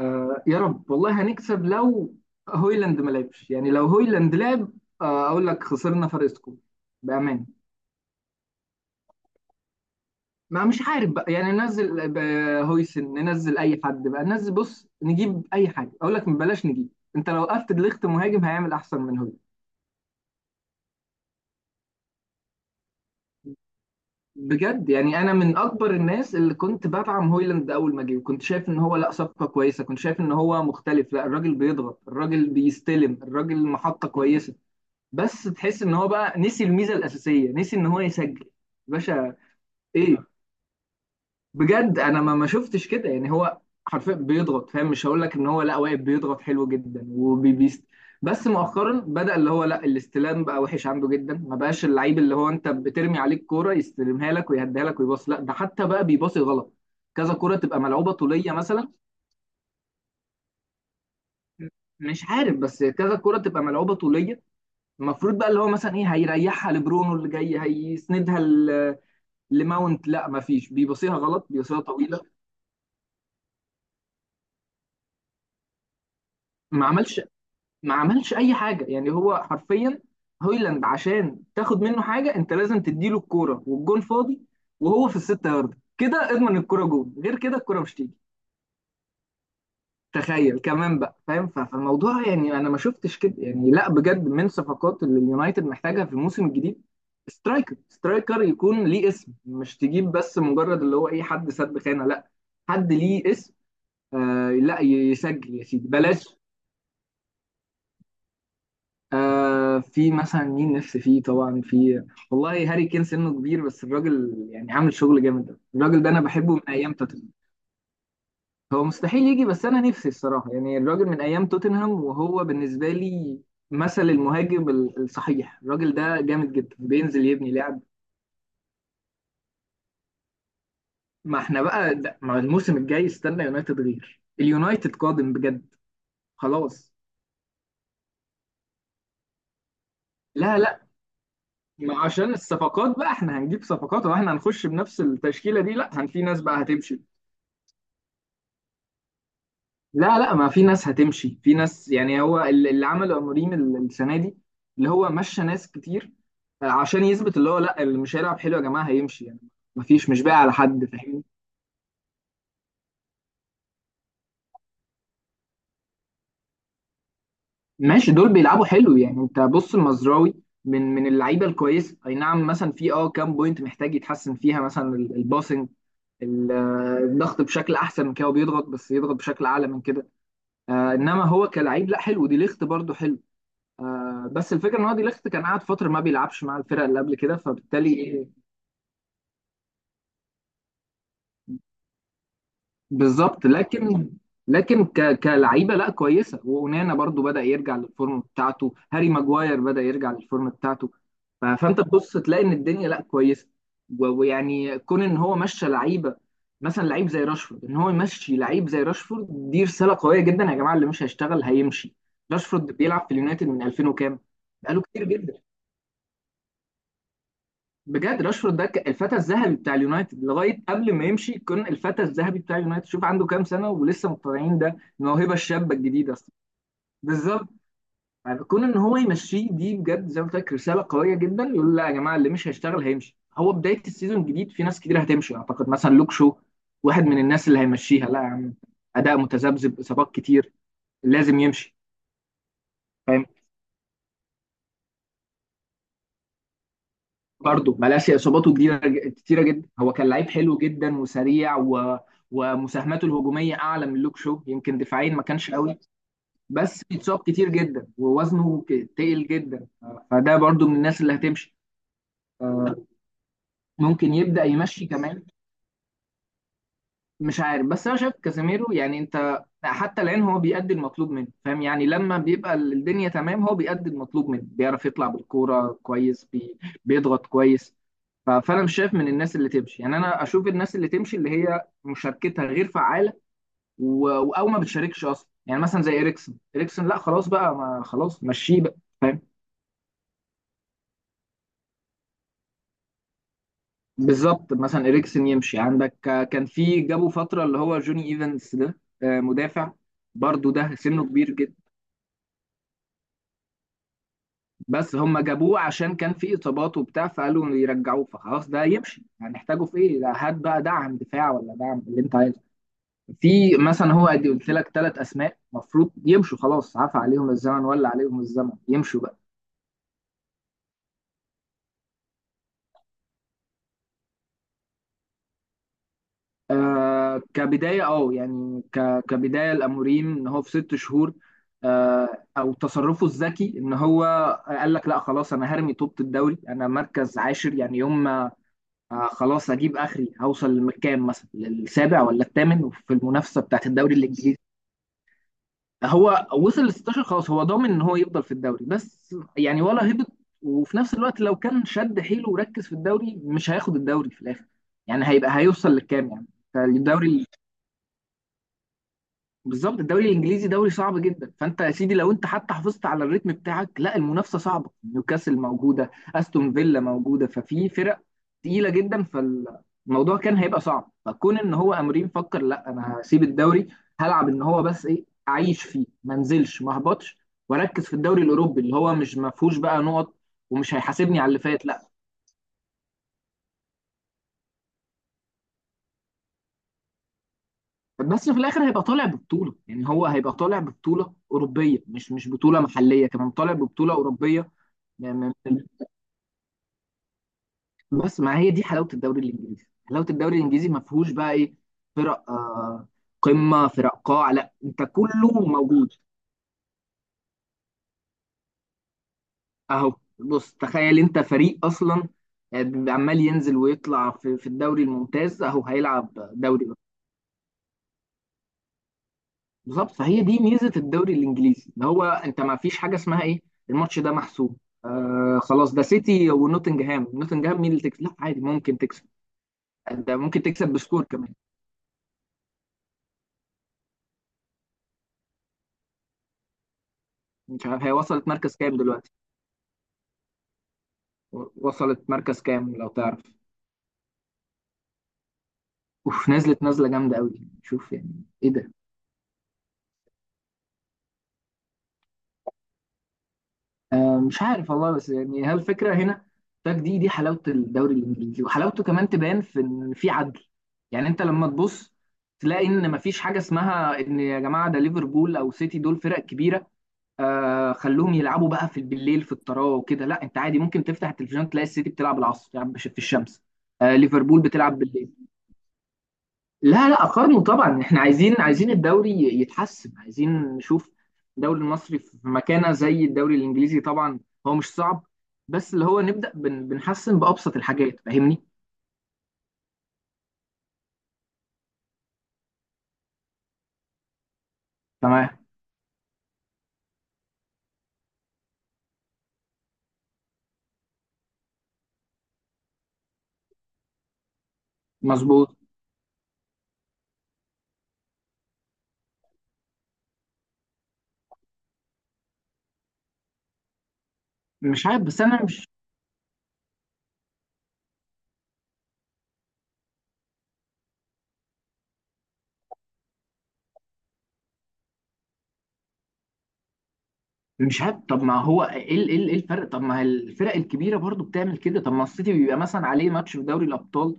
آه، يا رب والله هنكسب لو هويلاند ما لعبش. يعني لو هويلاند لعب آه اقول لك خسرنا فرق سكور بامان. ما مش عارف بقى، يعني ننزل هويسن، ننزل اي حد بقى، ننزل بص نجيب اي حاجه، اقول لك بلاش نجيب. انت لو وقفت دليخت مهاجم هيعمل احسن من هويلاند. بجد يعني انا من اكبر الناس اللي كنت بدعم هويلاند اول ما جه، وكنت شايف ان هو لا صفقه كويسه، كنت شايف ان هو مختلف، لا الراجل بيضغط، الراجل بيستلم، الراجل محطه كويسه. بس تحس ان هو بقى نسي الميزه الاساسيه، نسي ان هو يسجل يا باشا. ايه، بجد انا ما شفتش كده، يعني هو حرفيا بيضغط، فاهم؟ مش هقول لك ان هو لا واقف بيضغط حلو جدا وبيبيست، بس مؤخرا بدأ اللي هو لا الاستلام بقى وحش عنده جدا، ما بقاش اللعيب اللي هو انت بترمي عليك كوره يستلمها لك ويهديها لك ويباص، لا ده حتى بقى بيباصي غلط. كذا كوره تبقى ملعوبه طوليه مثلا، مش عارف، بس كذا كرة تبقى ملعوبة طولية، المفروض بقى اللي هو مثلا ايه هيريحها لبرونو، اللي جاي هيسندها لماونت، لا ما فيش، بيبصيها غلط، بيبصيها طويله. ما عملش ما عملش اي حاجه، يعني هو حرفيا هويلاند عشان تاخد منه حاجه انت لازم تديله الكوره والجون فاضي، وهو في الستة يارد كده اضمن الكوره جون، غير كده الكوره مش تيجي. تخيل كمان بقى، فاهم؟ ف- فالموضوع يعني انا ما شفتش كده، يعني لا بجد من صفقات اللي اليونايتد محتاجها في الموسم الجديد سترايكر. سترايكر يكون ليه اسم، مش تجيب بس مجرد اللي هو اي حد سد خانه، لا، حد ليه اسم. آه لا يسجل يا سيدي بلاش. آه، في مثلا مين نفسي فيه؟ طبعا في، والله هاري كين سنه كبير بس الراجل يعني عامل شغل جامد أوي. الراجل ده انا بحبه من ايام توتنهام. هو مستحيل يجي بس انا نفسي الصراحه، يعني الراجل من ايام توتنهام وهو بالنسبه لي مثل المهاجم الصحيح، الراجل ده جامد جدا، بينزل يبني لعب. ما احنا بقى ما الموسم الجاي استنى يونايتد، غير اليونايتد قادم بجد، خلاص. لا ما عشان الصفقات بقى احنا هنجيب صفقات، واحنا هنخش بنفس التشكيلة دي؟ لا، في ناس بقى هتمشي. لا لا، ما في ناس هتمشي، في ناس، يعني هو اللي عمله أموريم السنة دي اللي هو مشى ناس كتير، عشان يثبت اللي هو لا اللي مش هيلعب حلو يا جماعة هيمشي، يعني ما فيش، مش باقي على حد، فاهمني؟ ماشي، دول بيلعبوا حلو، يعني انت بص المزراوي من اللعيبة الكويسة، أي نعم مثلا في اه كام بوينت محتاج يتحسن فيها، مثلا الباسنج، الضغط بشكل أحسن من كده، وبيضغط بس يضغط بشكل أعلى من كده. آه انما هو كلاعب لا حلو. دي ليخت برضو حلو. آه بس الفكره ان هو دي ليخت كان قاعد فتره ما بيلعبش مع الفرقه اللي قبل كده، فبالتالي بالظبط، لكن لكن كلعيبه لا كويسه، وأونانا برضو بدأ يرجع للفورم بتاعته، هاري ماجواير بدأ يرجع للفورم بتاعته، ف... فانت تبص تلاقي ان الدنيا لا كويسه، و... ويعني كون ان هو مشى لعيبه مثلا لعيب زي راشفورد، ان هو يمشي لعيب زي راشفورد دي رساله قويه جدا، يا جماعه اللي مش هيشتغل هيمشي. راشفورد بيلعب في اليونايتد من 2000 وكام، بقاله كتير جدا. بجد راشفورد ده الفتى الذهبي بتاع اليونايتد، لغايه قبل ما يمشي كان الفتى الذهبي بتاع اليونايتد، شوف عنده كام سنه ولسه مقتنعين ده الموهبه الشابه الجديده اصلا. بالظبط، يعني كون ان هو يمشيه دي بجد زي ما قلت لك رساله قويه جدا، يقول لا يا جماعه اللي مش هيشتغل هيمشي، هو بدايه السيزون الجديد في ناس كتير هتمشي، اعتقد مثلا لوك شو واحد من الناس اللي هيمشيها، لا يا عم اداء متذبذب اصابات كتير، لازم يمشي. برضه مالاسيا اصاباته جديده كتيره جدا، هو كان لعيب حلو جدا وسريع و... ومساهماته الهجوميه اعلى من لوك شو، يمكن دفاعيا ما كانش قوي، بس بيتصاب كتير جدا ووزنه تقل جدا، فده برضه من الناس اللي هتمشي. آه، ممكن يبدا يمشي كمان. مش عارف، بس انا شايف كازيميرو، يعني انت حتى الان هو بيأدي المطلوب منه، فاهم؟ يعني لما بيبقى الدنيا تمام هو بيأدي المطلوب منه، بيعرف يطلع بالكوره كويس، بيضغط كويس، ف- فانا مش شايف من الناس اللي تمشي، يعني انا اشوف الناس اللي تمشي اللي هي مشاركتها غير فعاله، او ما بتشاركش اصلا، يعني مثلا زي اريكسن. اريكسن لا خلاص بقى، ما خلاص مشيه بقى، فاهم؟ بالظبط. مثلا اريكسن يمشي، عندك آه، كان في جابوا فتره اللي هو جوني ايفنس ده آه، مدافع، برضو ده سنه كبير، بس هم جابوه عشان كان في اصابات وبتاع فقالوا يرجعوه، فخلاص ده يمشي، هنحتاجه في ايه ده، هات بقى دعم دفاع، ولا دعم اللي انت عايزه. في مثلا هو ادي قلت لك ثلاث اسماء مفروض يمشوا، خلاص عفى عليهم الزمن، ولا عليهم الزمن يمشوا بقى. آه كبدايه، اه يعني كبدايه الاموريم، ان هو في ست شهور، آه، او تصرفه الذكي، ان هو قال لك لا خلاص انا هرمي طوبة الدوري، انا مركز عاشر يعني، يوم ما آه خلاص اجيب اخري هوصل للكام، مثلا للسابع ولا الثامن في المنافسه بتاعت الدوري الانجليزي. هو وصل ل 16، خلاص هو ضامن ان هو يفضل في الدوري، بس يعني ولا هبط. وفي نفس الوقت لو كان شد حيله وركز في الدوري مش هياخد الدوري في الاخر، يعني هيبقى هيوصل للكام يعني، فالدوري بالظبط الدوري الانجليزي دوري صعب جدا، فانت يا سيدي لو انت حتى حافظت على الريتم بتاعك لا المنافسه صعبه، نيوكاسل موجوده، استون فيلا موجوده، ففي فرق تقيله جدا، فالموضوع كان هيبقى صعب، فكون ان هو امرين فكر لا انا هسيب الدوري، هلعب ان هو بس ايه اعيش فيه ما انزلش ما اهبطش، واركز في الدوري الاوروبي اللي هو مش ما فيهوش بقى نقط، ومش هيحاسبني على اللي فات لا. بس في الاخر هيبقى طالع ببطوله، يعني هو هيبقى طالع ببطوله اوروبيه، مش بطوله محليه، كمان طالع ببطوله اوروبيه، يعني بس ما هي دي حلاوه الدوري الانجليزي. حلاوه الدوري الانجليزي ما فيهوش بقى ايه، فرق آه قمه فرق قاع، لا انت كله موجود. اهو بص تخيل انت فريق اصلا آه، عمال ينزل ويطلع في الدوري الممتاز، اهو هيلعب دوري. بالظبط، فهي دي ميزه الدوري الانجليزي، اللي هو انت ما فيش حاجه اسمها ايه الماتش ده محسوب. آه خلاص ده سيتي ونوتنجهام، نوتنجهام مين اللي تكسب، لا عادي ممكن تكسب، ده ممكن تكسب بسكور كمان. مش عارف هي وصلت مركز كام دلوقتي، وصلت مركز كام لو تعرف؟ اوف، نزلت نزله جامده قوي، شوف يعني، ايه ده. آه، مش عارف والله، بس يعني هل الفكره هنا، ده دي دي حلاوه الدوري الانجليزي، وحلاوته كمان تبان في ان في عدل، يعني انت لما تبص تلاقي ان مفيش حاجه اسمها ان يا جماعه ده ليفربول او سيتي دول فرق كبيره، آه خلوهم يلعبوا بقى في بالليل في الطراوه وكده، لا انت عادي ممكن تفتح التلفزيون تلاقي السيتي بتلعب العصر يعني في الشمس، آه ليفربول بتلعب بالليل. لا لا، اقارنه طبعا، احنا عايزين، عايزين الدوري يتحسن، عايزين نشوف الدوري المصري في مكانه زي الدوري الانجليزي طبعا. هو مش صعب، بس اللي هو نبدا بنحسن بابسط الحاجات، فاهمني؟ تمام، مظبوط. مش عارف بس انا مش، مش عارف طب ما هو ايه ايه إيه الفرق، طب ما الفرق الكبيره برضو بتعمل كده، طب ما السيتي بيبقى مثلا عليه ماتش في دوري الابطال،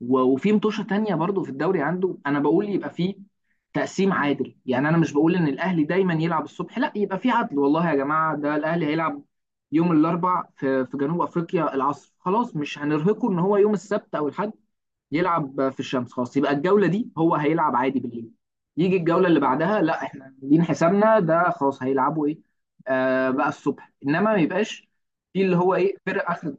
و- وفي متوشه تانية برضو في الدوري عنده، انا بقول يبقى فيه تقسيم عادل، يعني انا مش بقول ان الاهلي دايما يلعب الصبح لا، يبقى فيه عدل، والله يا جماعه ده الاهلي هيلعب يوم الاربع في جنوب افريقيا العصر، خلاص مش هنرهقه ان هو يوم السبت او الاحد يلعب في الشمس، خلاص يبقى الجوله دي هو هيلعب عادي بالليل، يجي الجوله اللي بعدها لا احنا عاملين حسابنا ده خلاص هيلعبوا ايه، آه بقى الصبح، انما ما يبقاش في اللي هو ايه فرق اخر.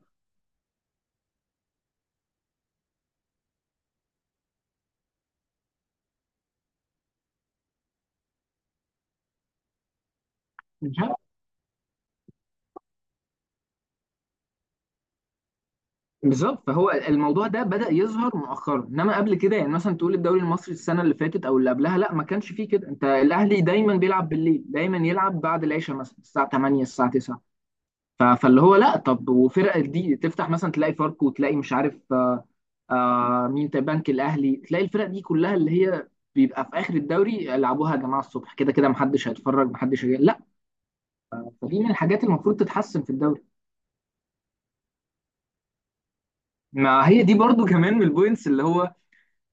بالظبط، فهو الموضوع ده بدأ يظهر مؤخرا، انما قبل كده يعني مثلا تقول الدوري المصري السنه اللي فاتت او اللي قبلها لا ما كانش فيه كده، انت الاهلي دايما بيلعب بالليل، دايما يلعب بعد العشاء مثلا الساعه 8 الساعه 9، ف- فاللي هو لا طب وفرق دي تفتح مثلا تلاقي فاركو وتلاقي مش عارف مين تاني، بنك الاهلي، تلاقي الفرق دي كلها اللي هي بيبقى في اخر الدوري يلعبوها يا جماعه الصبح، كده كده محدش هيتفرج محدش لا، فدي من الحاجات اللي المفروض تتحسن في الدوري. ما هي دي برضو كمان من البوينتس اللي هو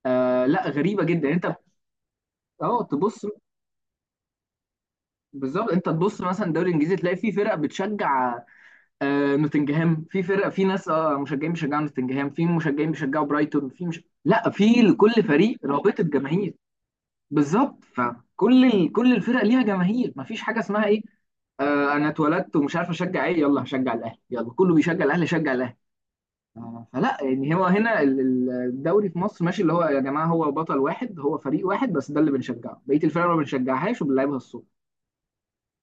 آه لا غريبه جدا. اه تبص، بالظبط انت تبص مثلا الدوري الانجليزي تلاقي في فرق بتشجع آه نوتنجهام، في فرق في ناس اه مشجعين بيشجعوا نوتنجهام، في مشجعين بيشجعوا برايتون، في مش لا في لكل فريق رابطه جماهير. بالظبط، فكل كل الفرق ليها جماهير، مفيش حاجه اسمها ايه آه انا اتولدت ومش عارف اشجع ايه، يلا هشجع الاهلي، يلا كله بيشجع الاهلي شجع الاهلي، آه، فلا يعني هو هنا الدوري في مصر ماشي اللي هو يا جماعه هو بطل واحد، هو فريق واحد بس ده اللي بنشجعه، بقيه الفرق ما بنشجعهاش وبنلعبها الصبح،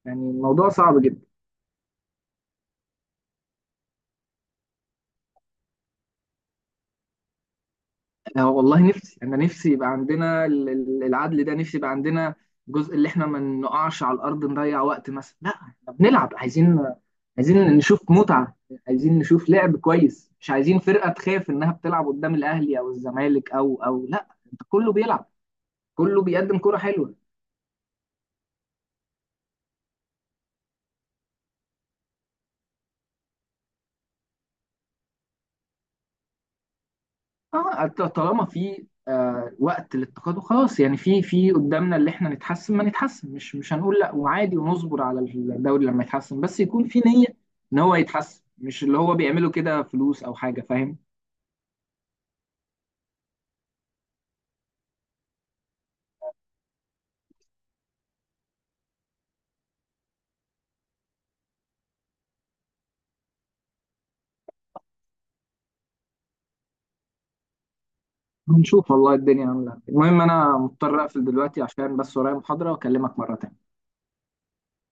يعني الموضوع صعب جدا. انا والله نفسي، انا نفسي يبقى عندنا العدل ده، نفسي يبقى عندنا جزء اللي احنا ما نقعش على الارض نضيع وقت، مثلا لا احنا بنلعب، عايزين عايزين نشوف متعة، عايزين نشوف لعب كويس، مش عايزين فرقة تخاف انها بتلعب قدام الاهلي او الزمالك او لا انت كله بيلعب، كله بيقدم كرة حلوة. اه طالما في آه وقت للتقادم خلاص، يعني في قدامنا اللي احنا نتحسن ما نتحسن، مش هنقول لا، وعادي ونصبر على الدوري لما يتحسن، بس يكون في نية ان هو يتحسن، مش اللي هو بيعمله كده فلوس او حاجة، فاهم؟ هنشوف والله الدنيا عاملة إيه. المهم انا مضطر اقفل دلوقتي عشان بس ورايا محاضرة، واكلمك مرة تانية.